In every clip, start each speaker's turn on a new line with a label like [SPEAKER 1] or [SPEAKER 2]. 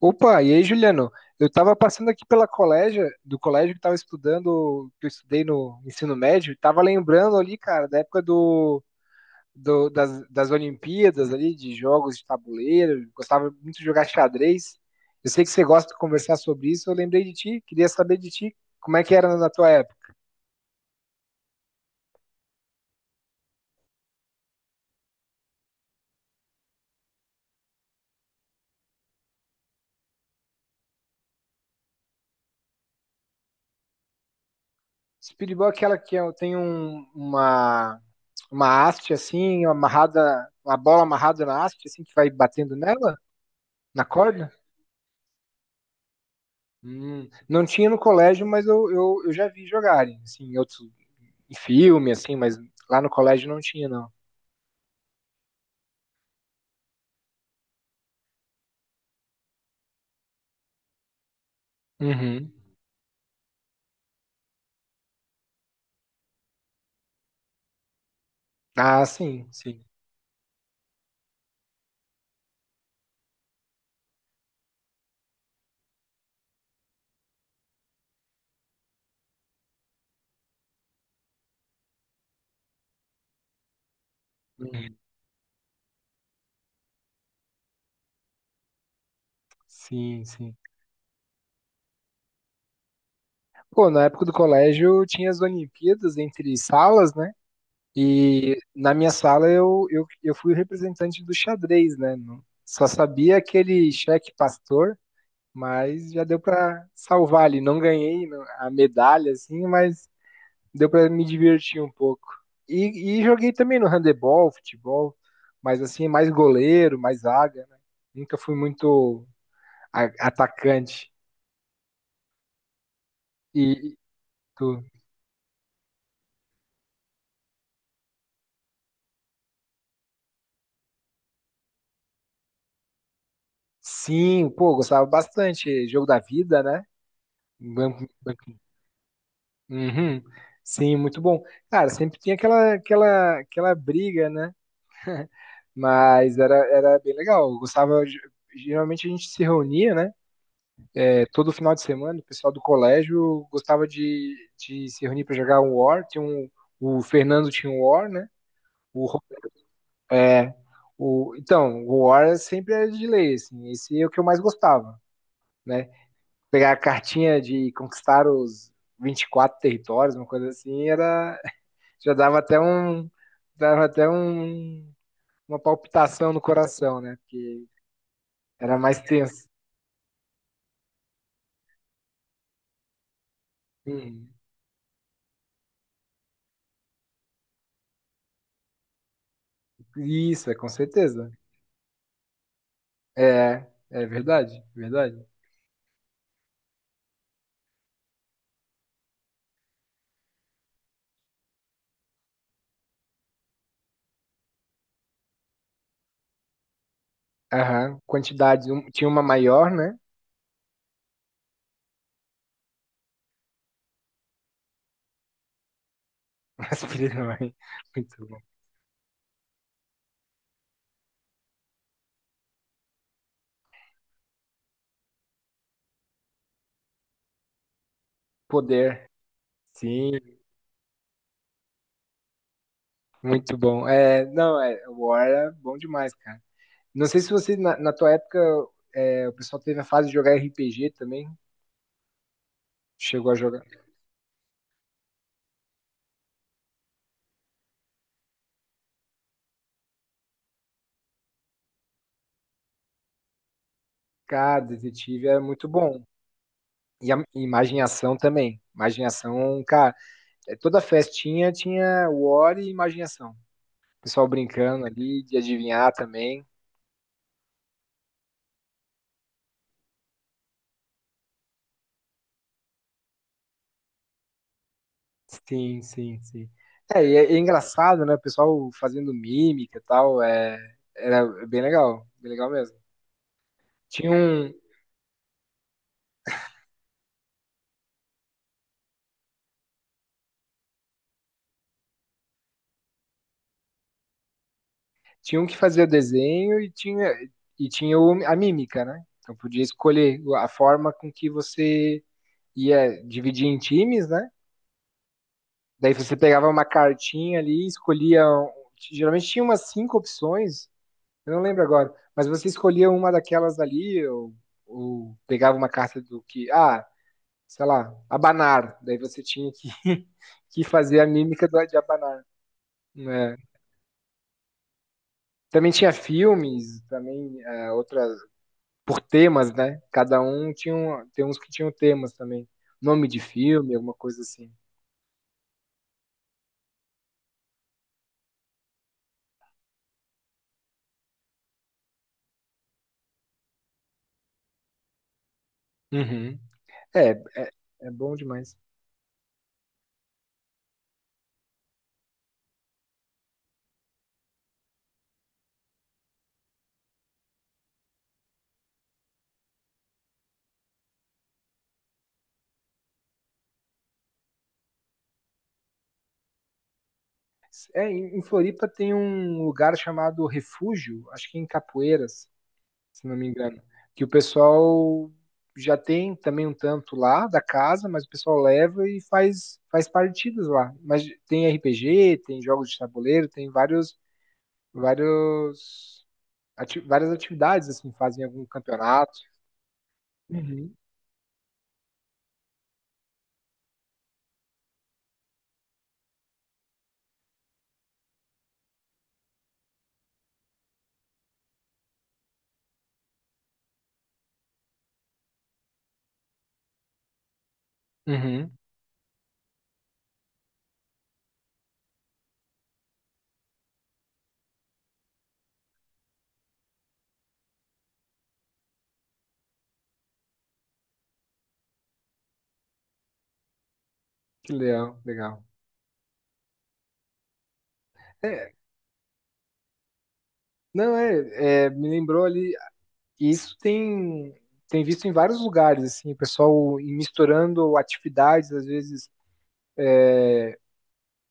[SPEAKER 1] Opa, e aí, Juliano? Eu estava passando aqui pela colégio, do colégio que estava estudando, que eu estudei no ensino médio, e estava lembrando ali, cara, da época das Olimpíadas ali, de jogos de tabuleiro, gostava muito de jogar xadrez. Eu sei que você gosta de conversar sobre isso, eu lembrei de ti, queria saber de ti, como é que era na tua época. Speedball é aquela tem uma haste assim, amarrada, uma bola amarrada na haste, assim, que vai batendo nela, na corda? Não tinha no colégio, mas eu já vi jogarem, assim, em outros, em filme, assim, mas lá no colégio não tinha, não. Uhum. Ah, sim, sim. Uhum. Sim, sim. Pô, na época do colégio tinha as Olimpíadas entre salas, né? E na minha sala eu fui o representante do xadrez, né? Não- Só sabia aquele xeque pastor, mas já deu pra salvar ali. Não ganhei não- a medalha, assim, mas deu para me divertir um pouco. E joguei também no handebol, futebol, mas assim, mais goleiro, mais zaga, né? Nunca fui muito atacante. E tu- sim, pô, gostava bastante. Jogo da vida, né? Banco- banco- Uhum. Sim, muito bom. Cara, sempre tinha aquela briga, né? Mas era bem legal. Eu gostava. De- Geralmente a gente se reunia, né? É, todo final de semana o pessoal do colégio gostava de se reunir para jogar um War. Tinha um, o Fernando tinha um War, né? O, Ro- é, o, então, o War sempre era de lei, assim, esse é o que eu mais gostava, né? Pegar a cartinha de conquistar os 24 territórios, uma coisa assim, era, já dava até um, uma palpitação no coração, né? Porque era mais tenso. Hum, isso, é com certeza. É, é verdade, verdade. Aham, quantidade, um- tinha uma maior, né? Mas filha da mãe, muito bom. Poder, sim, muito bom. É, não, é, o War era bom demais, cara. Não sei se você, na, na tua época, é, o pessoal teve a fase de jogar RPG também, chegou a jogar. Cara, Detetive era muito bom. E a e Imagem e Ação também. Imagem e Ação, cara, é, toda festinha tinha War e Imagem e Ação. O pessoal brincando ali, de adivinhar também. Sim, sim, sim. É, é engraçado, né? O pessoal fazendo mímica e tal, é, era bem legal mesmo. Tinha um, tinha um que fazia desenho e tinha a mímica, né? Então podia escolher a forma com que você ia dividir em times, né? Daí você pegava uma cartinha ali, escolhia. Um, Geralmente tinha umas cinco opções, eu não lembro agora, mas você escolhia uma daquelas ali, ou pegava uma carta do que. Ah, sei lá, abanar. Daí você tinha que, que fazer a mímica do, de abanar. Né? Também tinha filmes, também é, outras, por temas, né? Cada um tinha, tem uns que tinham temas também. Nome de filme, alguma coisa assim. Uhum. É, é, é bom demais. É, em Floripa tem um lugar chamado Refúgio, acho que é em Capoeiras, se não me engano. Que o pessoal já tem também um tanto lá da casa, mas o pessoal leva e faz partidas lá. Mas tem RPG, tem jogos de tabuleiro, tem vários, vários, várias atividades, assim, fazem algum campeonato. Uhum. Uhum. Que legal, legal. É, não, me lembrou ali, isso tem, tem visto em vários lugares, assim, o pessoal misturando atividades, às vezes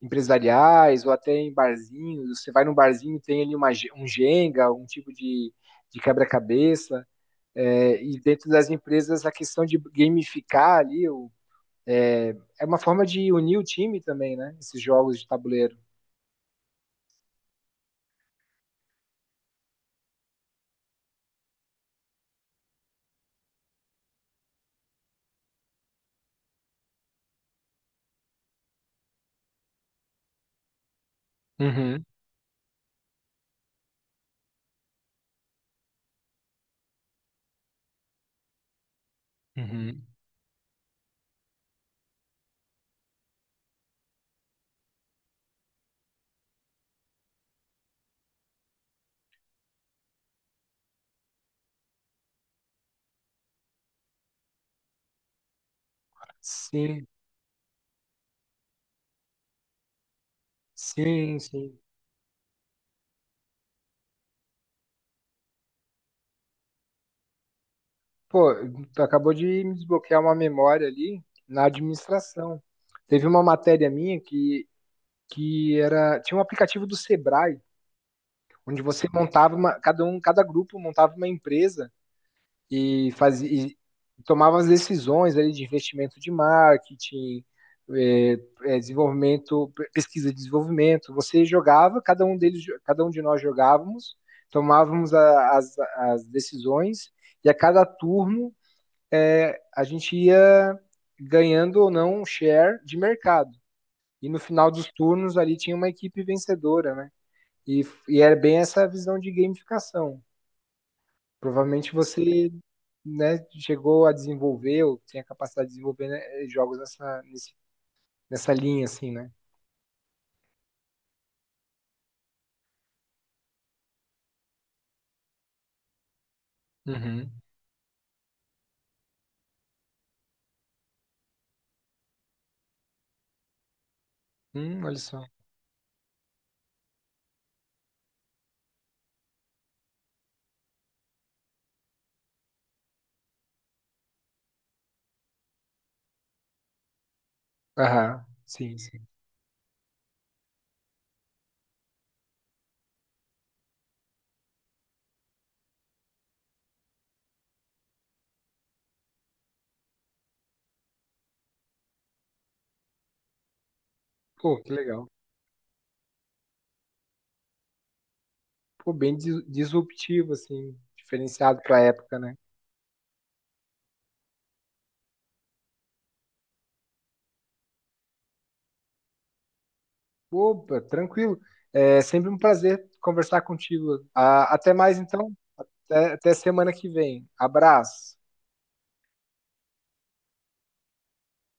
[SPEAKER 1] empresariais ou até em barzinhos. Você vai num barzinho, tem ali uma, um Jenga, um tipo de quebra-cabeça. É, e dentro das empresas, a questão de gamificar ali é, é uma forma de unir o time também, né? Esses jogos de tabuleiro. Uhum, uhum. Sim, sim, sim. Pô, tu acabou de me desbloquear uma memória ali na administração. Teve uma matéria minha que era, tinha um aplicativo do Sebrae onde você montava uma, cada um, cada grupo montava uma empresa e fazia e tomava as decisões ali de investimento de marketing, é, é, desenvolvimento, pesquisa e desenvolvimento. Você jogava, cada um deles, cada um de nós jogávamos, tomávamos a, as decisões e a cada turno é, a gente ia ganhando ou não um share de mercado. E no final dos turnos ali tinha uma equipe vencedora, né? E, e é bem essa visão de gamificação. Provavelmente você né, chegou a desenvolver, ou tem a capacidade de desenvolver né, jogos nessa, nesse- nessa linha, assim, né? Uhum. Olha só. Aham, sim, sim. Pô, que legal. Pô, bem dis- disruptivo, assim, diferenciado pra época, né? Opa, tranquilo. É sempre um prazer conversar contigo. Ah, até mais, então. Até, até semana que vem. Abraço.